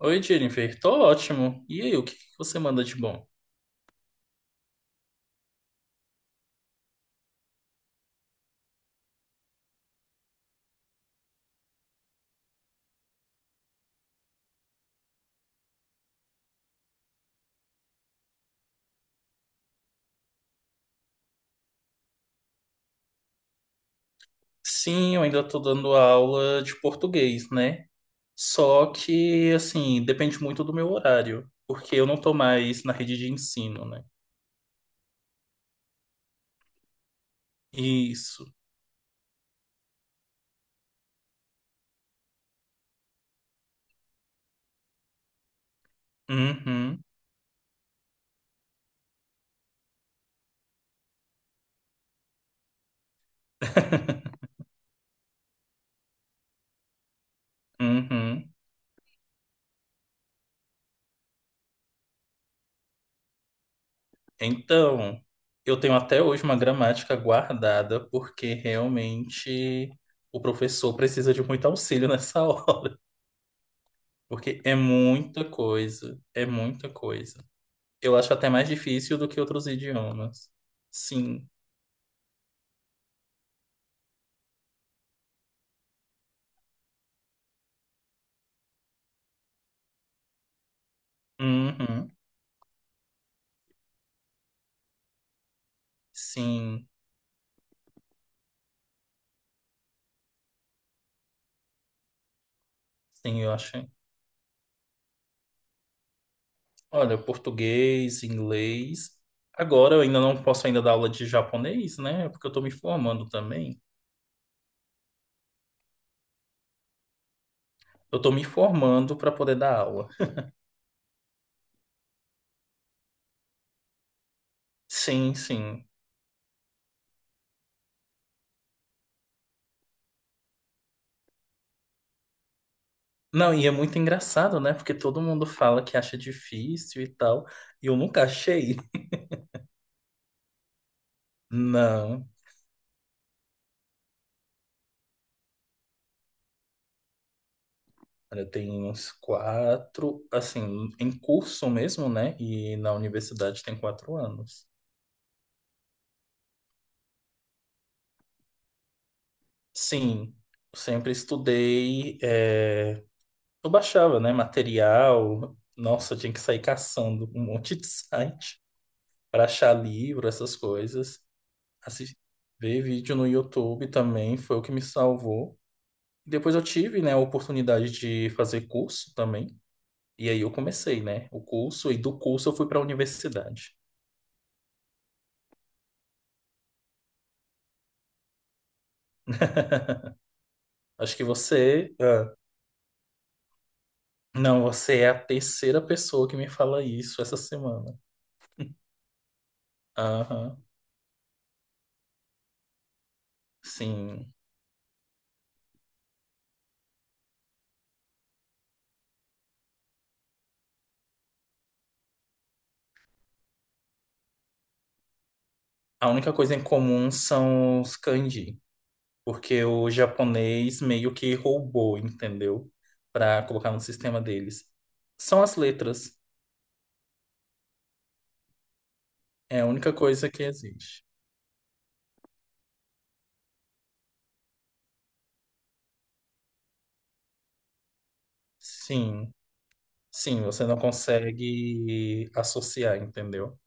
Oi, Jennifer, tô ótimo. E aí, o que que você manda de bom? Sim, eu ainda tô dando aula de português, né? Só que, assim, depende muito do meu horário, porque eu não tô mais na rede de ensino, né? Isso. Uhum, uhum. Então, eu tenho até hoje uma gramática guardada, porque realmente o professor precisa de muito auxílio nessa hora, porque é muita coisa, é muita coisa. Eu acho até mais difícil do que outros idiomas. Sim. Uhum. Sim. Sim, eu acho. Olha, português, inglês. Agora eu ainda não posso ainda dar aula de japonês, né? Porque eu tô me formando também. Eu tô me formando para poder dar aula. Sim, sim. Não, e é muito engraçado, né? Porque todo mundo fala que acha difícil e tal, e eu nunca achei. Não. Olha, eu tenho uns quatro, assim, em curso mesmo, né? E na universidade tem 4 anos. Sim, sempre estudei. É, eu baixava, né? Material. Nossa, eu tinha que sair caçando um monte de site para achar livro, essas coisas. Assis- Ver vídeo no YouTube também foi o que me salvou. Depois eu tive, né, a oportunidade de fazer curso também. E aí eu comecei, né? O curso, e do curso eu fui para a universidade. Acho que você... Ah, não, você é a terceira pessoa que me fala isso essa semana. Aham, sim. A única coisa em comum são os kanji, porque o japonês meio que roubou, entendeu? Pra colocar no sistema deles. São as letras. É a única coisa que existe. Sim, sim, você não consegue associar, entendeu?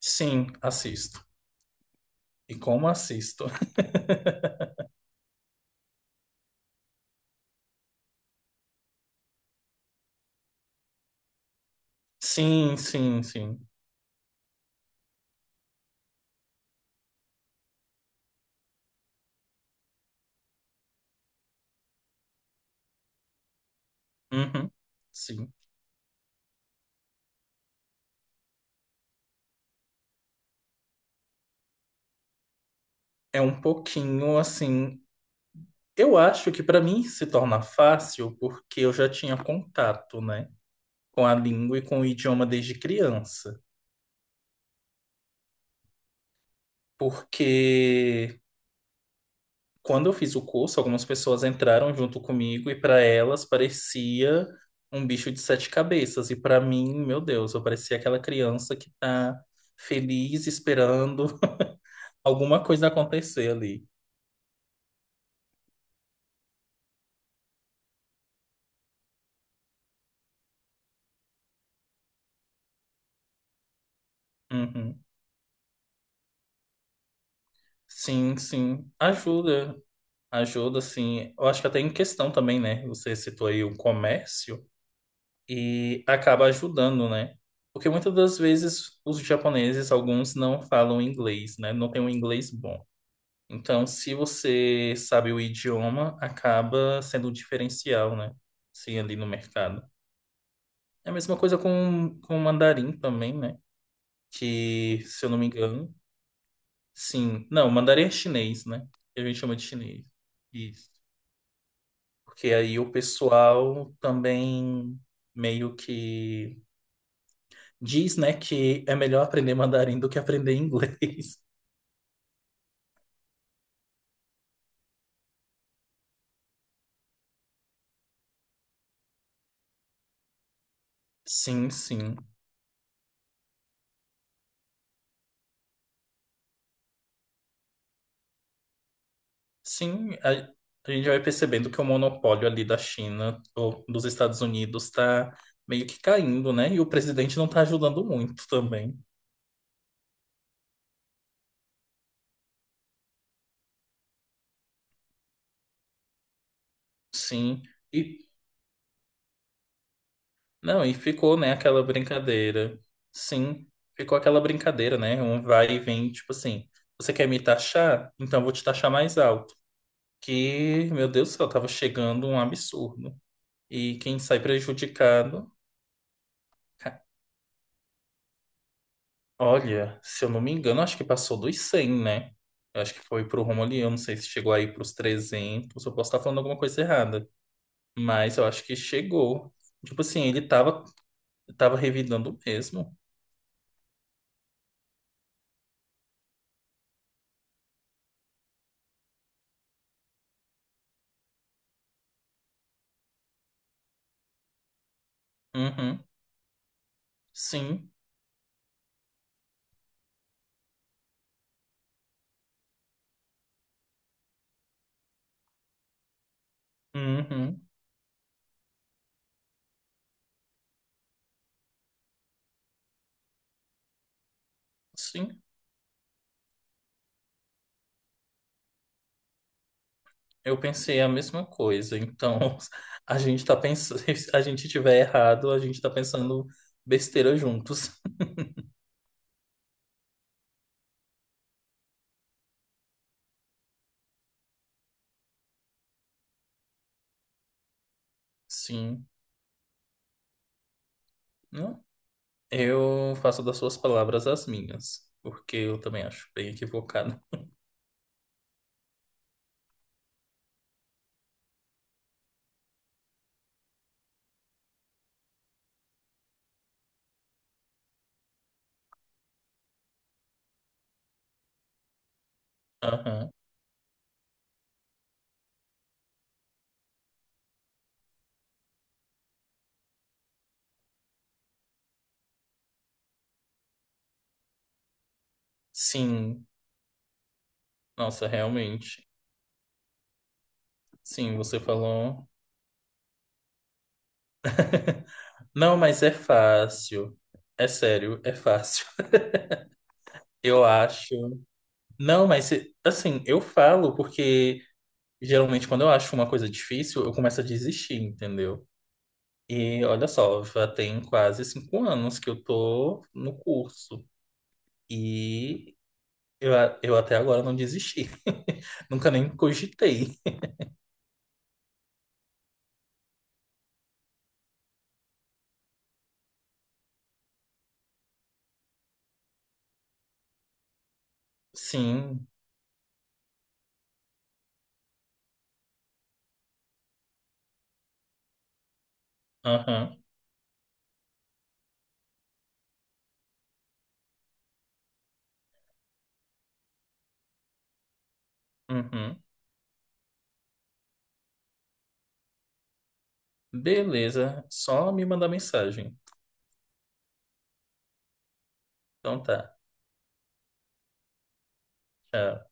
Sim, assisto. E como assisto? Sim, sim, sim. Uhum, sim. É um pouquinho assim. Eu acho que para mim se torna fácil porque eu já tinha contato, né, com a língua e com o idioma desde criança. Porque quando eu fiz o curso, algumas pessoas entraram junto comigo e para elas parecia um bicho de sete cabeças. E para mim, meu Deus, eu parecia aquela criança que tá feliz esperando alguma coisa acontecer ali. Uhum. Sim, sim, ajuda. Ajuda, assim, eu acho que até em questão também, né? Você citou aí o comércio e acaba ajudando, né? Porque muitas das vezes os japoneses, alguns não falam inglês, né? Não tem um inglês bom. Então, se você sabe o idioma, acaba sendo um diferencial, né? Sim, ali no mercado. É a mesma coisa com o mandarim também, né? Que, se eu não me engano, sim. Não, o mandarim é chinês, né? Que a gente chama de chinês. Isso. Porque aí o pessoal também meio que diz, né, que é melhor aprender mandarim do que aprender inglês. Sim, sim. Sim, a gente vai percebendo que o monopólio ali da China ou dos Estados Unidos está meio que caindo, né? E o presidente não está ajudando muito também. Sim. E não, e ficou, né, aquela brincadeira. Sim, ficou aquela brincadeira, né? Um vai e vem, tipo assim, você quer me taxar? Então eu vou te taxar mais alto. Que, meu Deus do céu, tava chegando um absurdo. E quem sai prejudicado, ca- olha, se eu não me engano, acho que passou dos 100, né? Eu acho que foi pro rumo ali, eu não sei se chegou aí pros 300. Eu posso estar falando alguma coisa errada, mas eu acho que chegou. Tipo assim, ele tava revidando mesmo. Uhum, sim, uhum, sim. Eu pensei a mesma coisa, então a gente tá pensando, se a gente tiver errado, a gente tá pensando besteira juntos. Sim. Não, eu faço das suas palavras as minhas, porque eu também acho bem equivocado. Aham. Sim, nossa, realmente. Sim, você falou. Não, mas é fácil. É sério, é fácil. Eu acho. Não, mas assim, eu falo porque geralmente quando eu acho uma coisa difícil, eu começo a desistir, entendeu? E olha só, já tem quase 5 anos que eu tô no curso. E eu até agora não desisti. Nunca nem cogitei. Sim. Aham. Uhum. Beleza. Só me mandar mensagem. Então tá. Tchau.